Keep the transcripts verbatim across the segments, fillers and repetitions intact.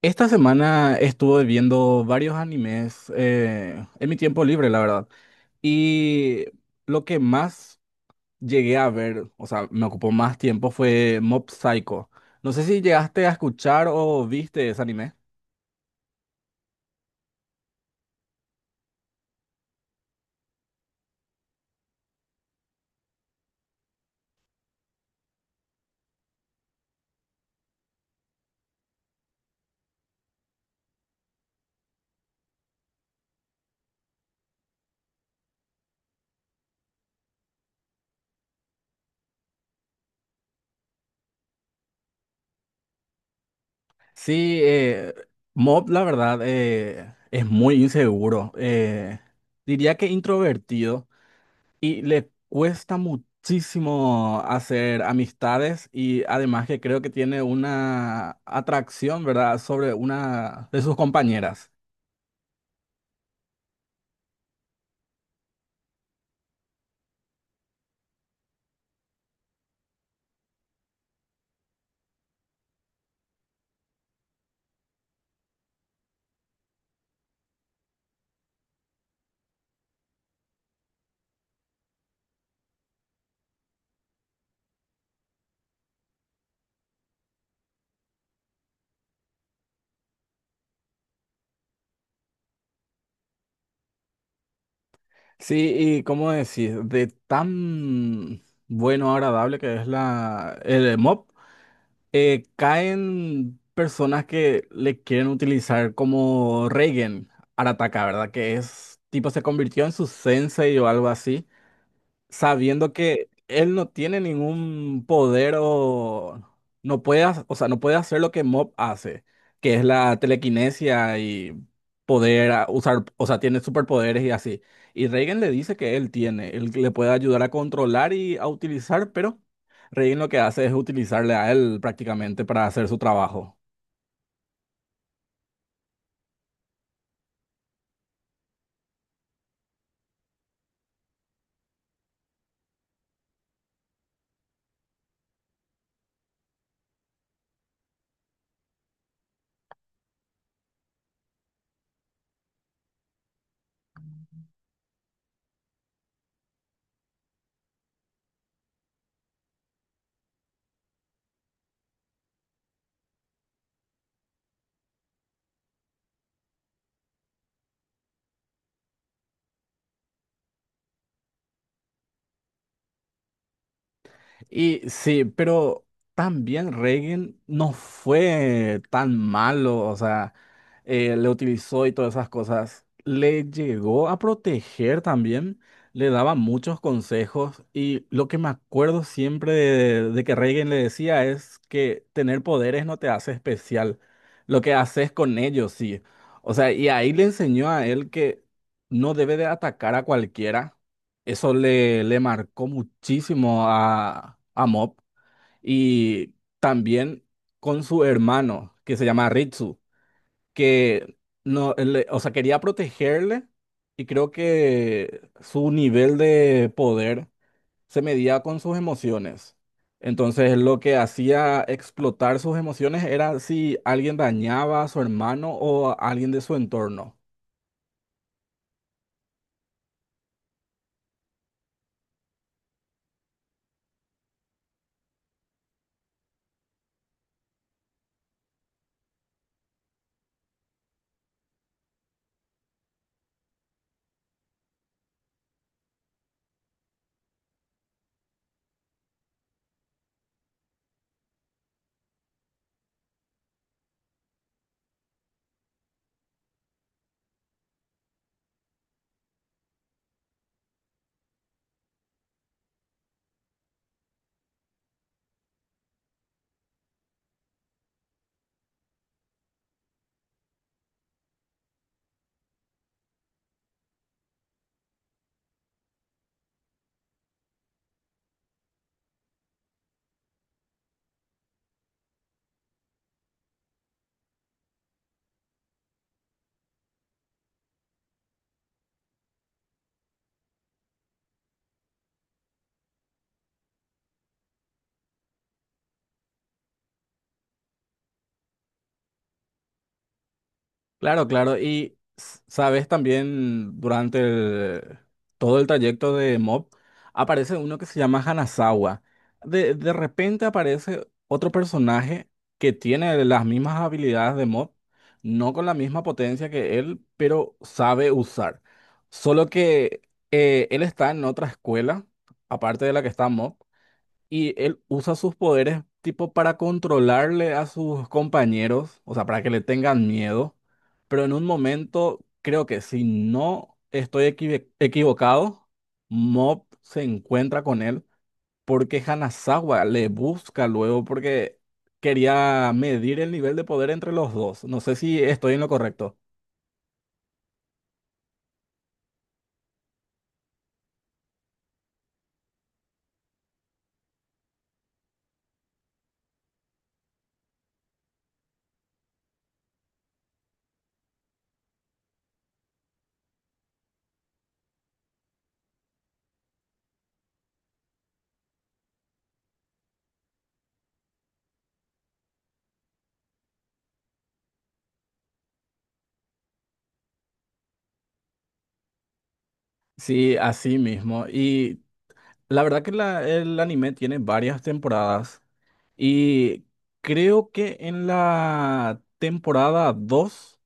Esta semana estuve viendo varios animes eh, en mi tiempo libre, la verdad. Y lo que más llegué a ver, o sea, me ocupó más tiempo fue Mob Psycho. No sé si llegaste a escuchar o viste ese anime. Sí, eh, Mob, la verdad, eh, es muy inseguro. Eh, diría que introvertido. Y le cuesta muchísimo hacer amistades y además que creo que tiene una atracción, ¿verdad?, sobre una de sus compañeras. Sí, y cómo decir, de tan bueno, agradable que es la, el mob, eh, caen personas que le quieren utilizar como Reigen Arataka, ¿verdad? Que es, tipo, se convirtió en su sensei o algo así, sabiendo que él no tiene ningún poder o no puede, ha- o sea, no puede hacer lo que Mob hace, que es la telequinesia y poder ah, usar, o sea, tiene superpoderes y así. Y Reigen le dice que él tiene, él le puede ayudar a controlar y a utilizar, pero Reigen lo que hace es utilizarle a él prácticamente para hacer su trabajo. Y sí, pero también Reagan no fue tan malo, o sea, eh, le utilizó y todas esas cosas. Le llegó a proteger también, le daba muchos consejos y lo que me acuerdo siempre de, de que Reagan le decía es que tener poderes no te hace especial, lo que haces con ellos sí. O sea, y ahí le enseñó a él que no debe de atacar a cualquiera, eso le, le marcó muchísimo a, a Mob. Y también con su hermano que se llama Ritsu, que no, le- o sea, quería protegerle, y creo que su nivel de poder se medía con sus emociones. Entonces lo que hacía explotar sus emociones era si alguien dañaba a su hermano o a alguien de su entorno. Claro, claro. Y s- sabes, también durante el- todo el trayecto de Mob aparece uno que se llama Hanazawa. De, de repente aparece otro personaje que tiene las mismas habilidades de Mob, no con la misma potencia que él, pero sabe usar. Solo que eh, él está en otra escuela, aparte de la que está Mob. Y él usa sus poderes tipo para controlarle a sus compañeros, o sea, para que le tengan miedo. Pero en un momento, creo que si no estoy equive- equivocado, Mob se encuentra con él porque Hanazawa le busca luego porque quería medir el nivel de poder entre los dos. No sé si estoy en lo correcto. Sí, así mismo. Y la verdad que la- el anime tiene varias temporadas. Y creo que en la temporada dos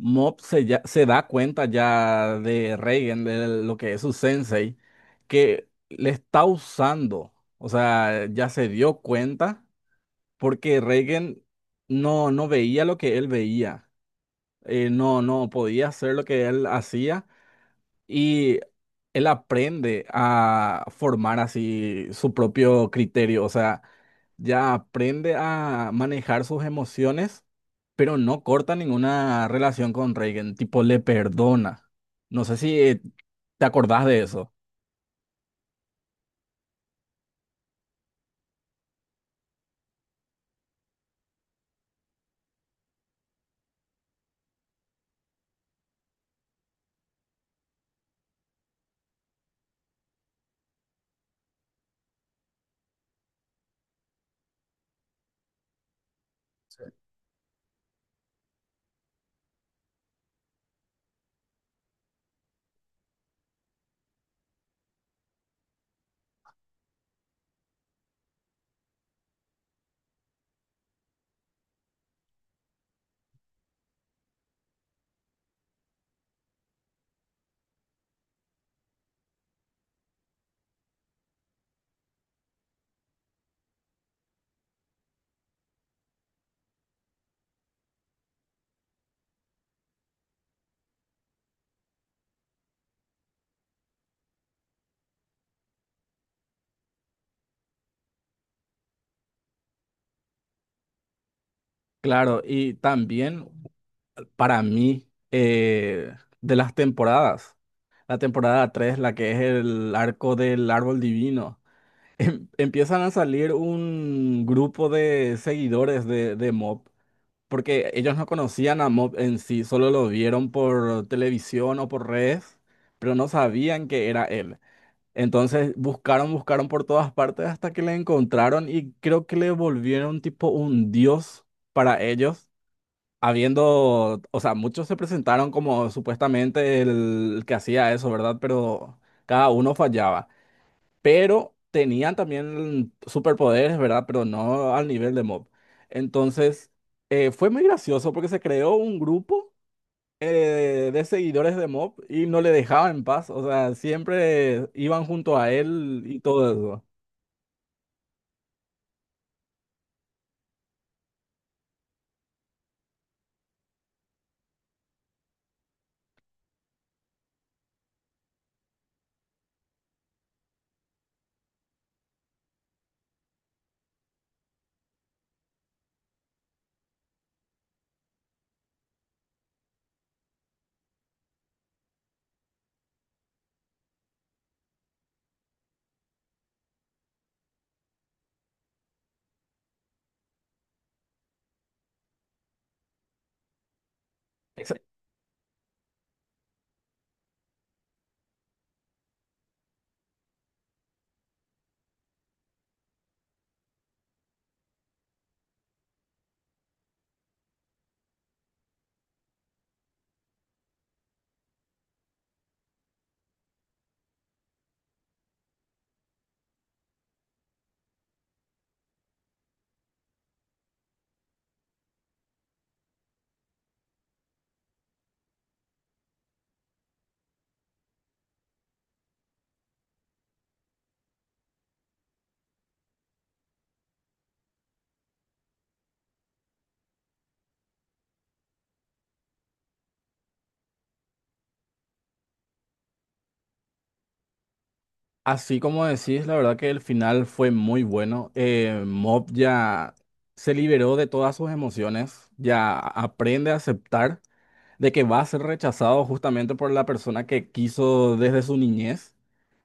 Mob se, ya- se da cuenta ya de Reigen, de lo que es su sensei, que le está usando. O sea, ya se dio cuenta porque Reigen no, no veía lo que él veía. Eh, no, no podía hacer lo que él hacía, y él aprende a formar así su propio criterio, o sea, ya aprende a manejar sus emociones, pero no corta ninguna relación con Reagan, tipo le perdona. No sé si eh, te acordás de eso. Claro, y también para mí, eh, de las temporadas, la temporada tres, la que es el arco del árbol divino. Em- empiezan a salir un grupo de seguidores de, de Mob, porque ellos no conocían a Mob en sí, solo lo vieron por televisión o por redes, pero no sabían que era él. Entonces buscaron, buscaron por todas partes hasta que le encontraron y creo que le volvieron tipo un dios para ellos. Habiendo, o sea, muchos se presentaron como supuestamente el que hacía eso, ¿verdad? Pero cada uno fallaba, pero tenían también superpoderes, ¿verdad? Pero no al nivel de Mob. Entonces, eh, fue muy gracioso porque se creó un grupo eh, de seguidores de Mob y no le dejaban en paz, o sea, siempre iban junto a él y todo eso. Ex- Así como decís, la verdad que el final fue muy bueno. Eh, Mob ya se liberó de todas sus emociones, ya aprende a aceptar de que va a ser rechazado justamente por la persona que quiso desde su niñez.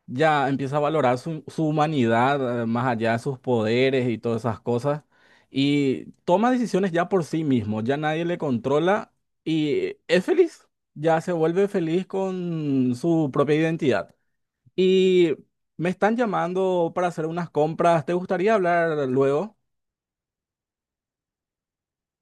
Ya empieza a valorar su, su humanidad, eh, más allá de sus poderes y todas esas cosas, y toma decisiones ya por sí mismo, ya nadie le controla y es feliz, ya se vuelve feliz con su propia identidad. Y me están llamando para hacer unas compras, ¿te gustaría hablar luego?